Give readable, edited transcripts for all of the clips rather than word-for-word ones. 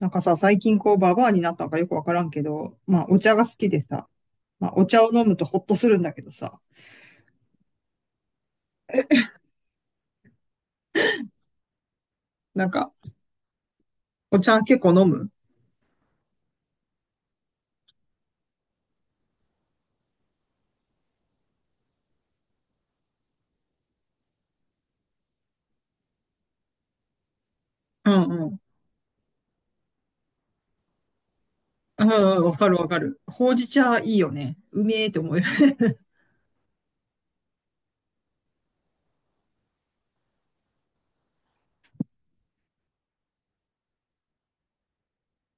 なんかさ、最近こうババアになったのかよくわからんけど、まあお茶が好きでさ、まあお茶を飲むとホッとするんだけどさ、なんかお茶結構飲む？うんうん。うんうん、わかるわかる。ほうじ茶いいよね。うめえって思う。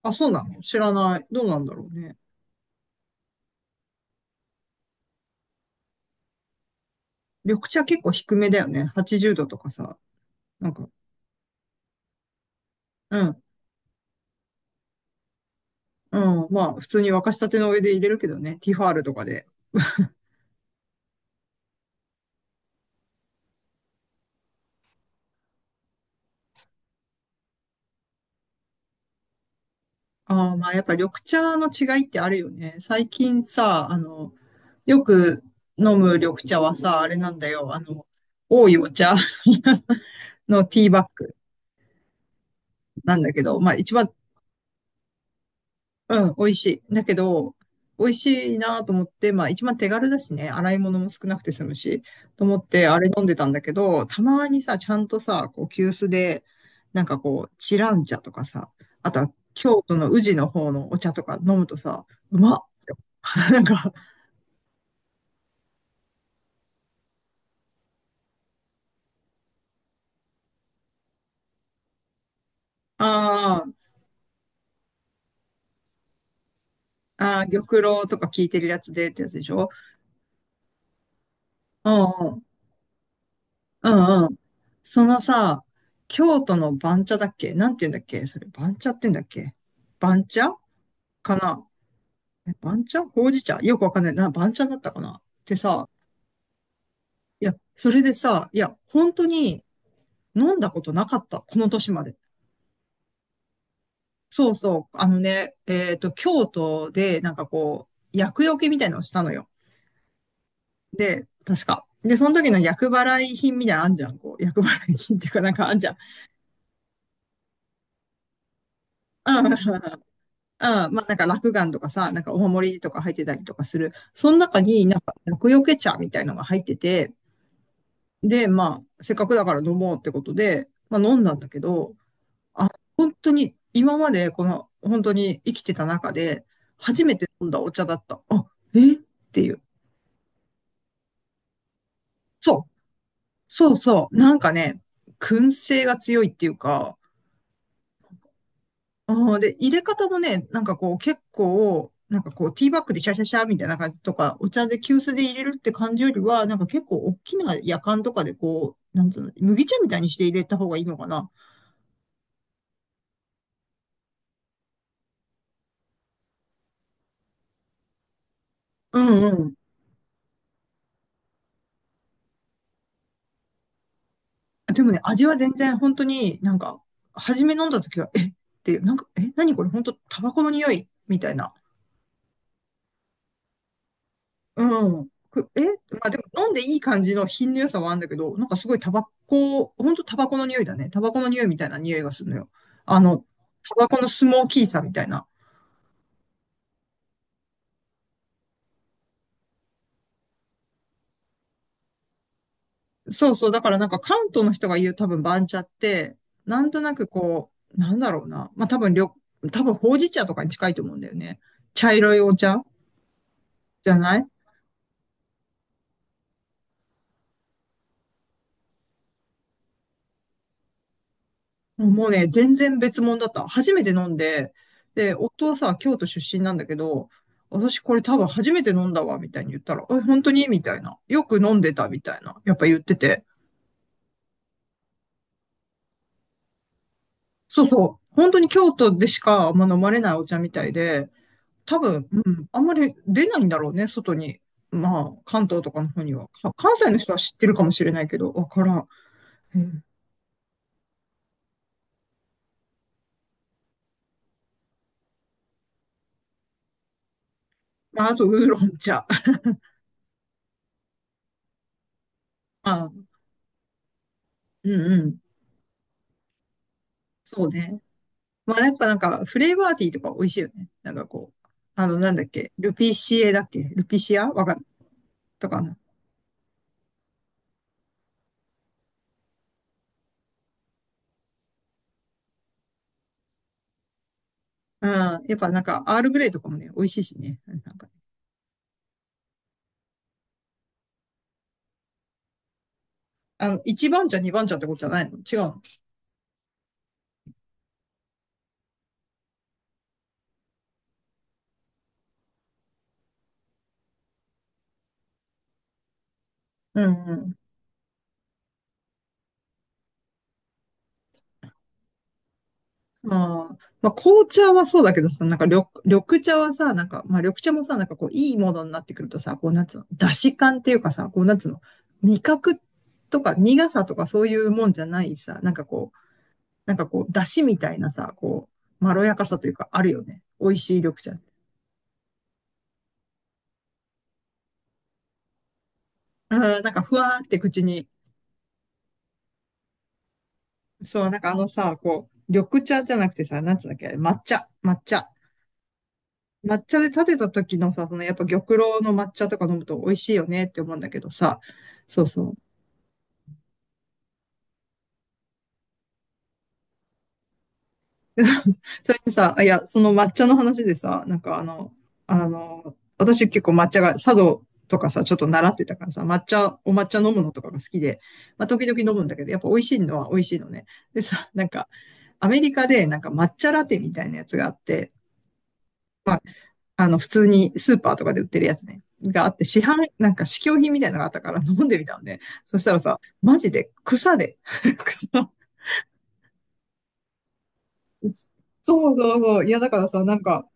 あ、そうなの？知らない。どうなんだろうね。緑茶結構低めだよね。80度とかさ。なんか、うん、うん。まあ普通に沸かしたての上で入れるけどね。ティファールとかで。ああ、まあやっぱ緑茶の違いってあるよね。最近さ、あの、よく飲む緑茶はさ、あれなんだよ。あの、多いお茶 のティーバッグなんだけど、まあ一番、うん、美味しい。だけど、美味しいなと思って、まあ一番手軽だしね、洗い物も少なくて済むし、と思ってあれ飲んでたんだけど、たまにさ、ちゃんとさ、こう、急須で、なんかこう、チラン茶とかさ、あとは京都の宇治の方のお茶とか飲むとさ、うまっ なんか、あー、あー、玉露とか聞いてるやつでってやつでしょ？うんうん。うんうん。そのさ、京都の番茶だっけ？なんて言うんだっけ、それ、番茶って言うんだっけ？番茶かな？え、番茶、ほうじ茶よくわかんない。番茶だったかなってさ、いや、それでさ、いや、本当に飲んだことなかった。この年まで。そうそう。あのね、京都で、なんかこう、厄除けみたいなのをしたのよ。で、確か。で、その時の役払い品みたいなのあんじゃん。こう、役払い品っていうか、なんかあんじゃん。うん。うん。まあなんか落雁とかさ、なんかお守りとか入ってたりとかする。その中になんか厄除け茶みたいのが入ってて、で、まあ、せっかくだから飲もうってことで、まあ飲んだんだけど、本当に今までこの、本当に生きてた中で、初めて飲んだお茶だった。あ、えっていう。そう。そうそう。なんかね、燻製が強いっていうか、ああ、で、入れ方もね、なんかこう結構、なんかこうティーバッグでシャシャシャみたいな感じとか、お茶で急須で入れるって感じよりは、なんか結構大きなやかんとかでこう、なんつうの、麦茶みたいにして入れた方がいいのかな。うんうん。でもね、味は全然本当になんか、初め飲んだ時は、えっていう、なんか、え、何これ、本当タバコの匂いみたいな。うん。くえ、まあでも飲んでいい感じの品の良さはあるんだけど、なんかすごいタバコ、ほんとタバコの匂いだね。タバコの匂いみたいな匂いがするのよ。あの、タバコのスモーキーさみたいな。そうそう。だからなんか関東の人が言う多分番茶って、なんとなくこう、なんだろうな。まあ多分ほうじ茶とかに近いと思うんだよね。茶色いお茶じゃない？もうね、全然別物だった。初めて飲んで、で、夫はさ、京都出身なんだけど、私これ多分初めて飲んだわ、みたいに言ったら、え、本当に、みたいな。よく飲んでた、みたいな。やっぱ言ってて。そうそう。本当に京都でしかあんま飲まれないお茶みたいで、多分、うん、あんまり出ないんだろうね、外に。まあ、関東とかの方には。関西の人は知ってるかもしれないけど、わからん。うん、まあ、あと、ウーロン茶。まあ、うんうん。そうね。まあ、やっぱなんか、フレーバーティーとか美味しいよね。なんかこう、あの、なんだっけ、ルピシエだっけ、ルピシアわかんとかな。うん。やっぱなんか、アールグレイとかもね、美味しいしね。なんかね、あの、一番茶、二番茶ってことじゃないの？違うの？うんうん。ああ。まあ、紅茶はそうだけどさ、なんか緑、緑茶はさ、なんか、まあ、緑茶もさ、なんかこう、いいものになってくるとさ、こう、なんつうの、出汁感っていうかさ、こう、なんつうの、味覚とか苦さとかそういうもんじゃないさ、なんかこう、なんかこう、出汁みたいなさ、こう、まろやかさというか、あるよね。美味しい緑茶。あーなんかふわーって口に。そう、なんかあのさ、こう、緑茶じゃなくてさ、なんつうんだっけ、あれ抹茶、抹茶。抹茶で立てた時のさ、そのやっぱ玉露の抹茶とか飲むと美味しいよねって思うんだけどさ、そうそう。それでさ、あいや、その抹茶の話でさ、なんかあの、あの、私結構抹茶が、茶道とかさ、ちょっと習ってたからさ、抹茶、お抹茶飲むのとかが好きで、まあ、時々飲むんだけど、やっぱ美味しいのは美味しいのね。でさ、なんか、アメリカでなんか抹茶ラテみたいなやつがあって、あの、普通にスーパーとかで売ってるやつね、があって、市販、なんか試供品みたいなのがあったから飲んでみたんで、そしたらさ、マジで草で、草。そうそうそう。いや、だからさ、なんか、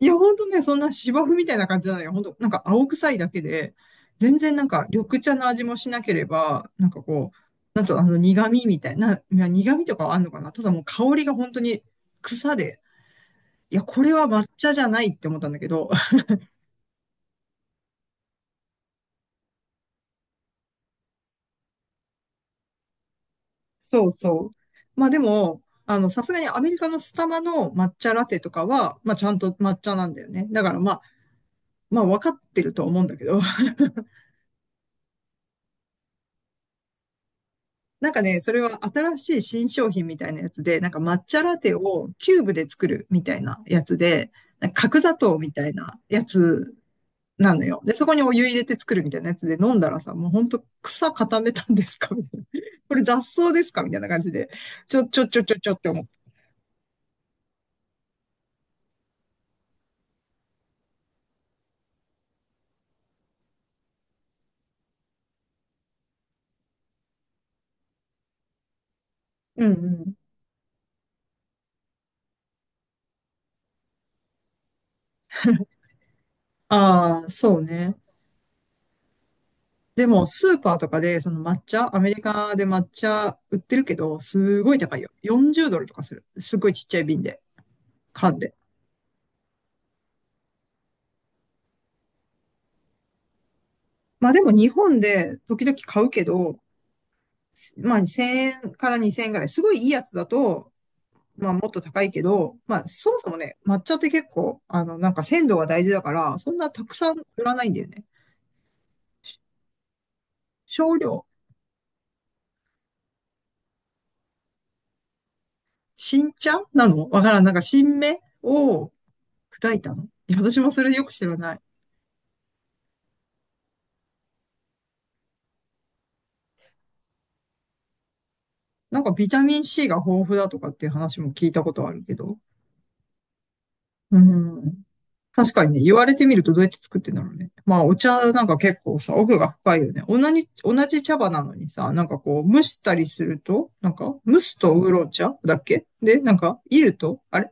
いや、ほんとね、そんな芝生みたいな感じじゃないよ。ほんと、なんか青臭いだけで、全然なんか緑茶の味もしなければ、なんかこう、なんつうの、あの苦味みたいな、いや苦味とかはあんのかな、ただもう香りが本当に草で、いや、これは抹茶じゃないって思ったんだけど、そうそう。まあでも、あの、さすがにアメリカのスタバの抹茶ラテとかは、まあちゃんと抹茶なんだよね。だからまあ、まあ分かってるとは思うんだけど。なんかね、それは新しい新商品みたいなやつで、なんか抹茶ラテをキューブで作るみたいなやつで、なんか角砂糖みたいなやつなのよ。で、そこにお湯入れて作るみたいなやつで飲んだらさ、もうほんと草固めたんですか、みたいな。これ雑草ですか、みたいな感じで。ちょ、ちょ、ちょ、ちょ、ちょって思った。うんうん。ああ、そうね。でも、スーパーとかで、その抹茶、アメリカで抹茶売ってるけど、すごい高いよ。40ドルとかする。すごいちっちゃい瓶で、缶で。まあでも日本で時々買うけど、まあ1000円から2000円ぐらい、すごいいいやつだと、まあもっと高いけど、まあそもそもね、抹茶って結構、あのなんか鮮度が大事だから、そんなたくさん売らないんだよね。し少量、新茶なのわからん。なんか新芽を砕いたの。いや私もそれよく知らない。なんかビタミン C が豊富だとかっていう話も聞いたことあるけど。うん。確かにね、言われてみるとどうやって作ってんだろうね。まあ、お茶なんか結構さ、奥が深いよね。同じ茶葉なのにさ、なんかこう、蒸したりすると、なんか、蒸すとウーロン茶だっけ、で、なんか、いると、あれ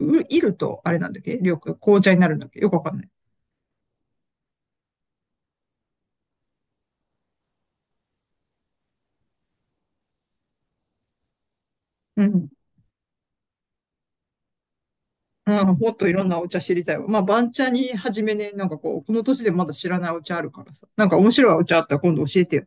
ういると、あれなんだっけ、緑、紅茶になるんだっけ、よくわかんない。うん。うん、もっといろんなお茶知りたいわ。まあ、番茶に始めね、なんかこう、この年でまだ知らないお茶あるからさ。なんか面白いお茶あったら今度教えてよ。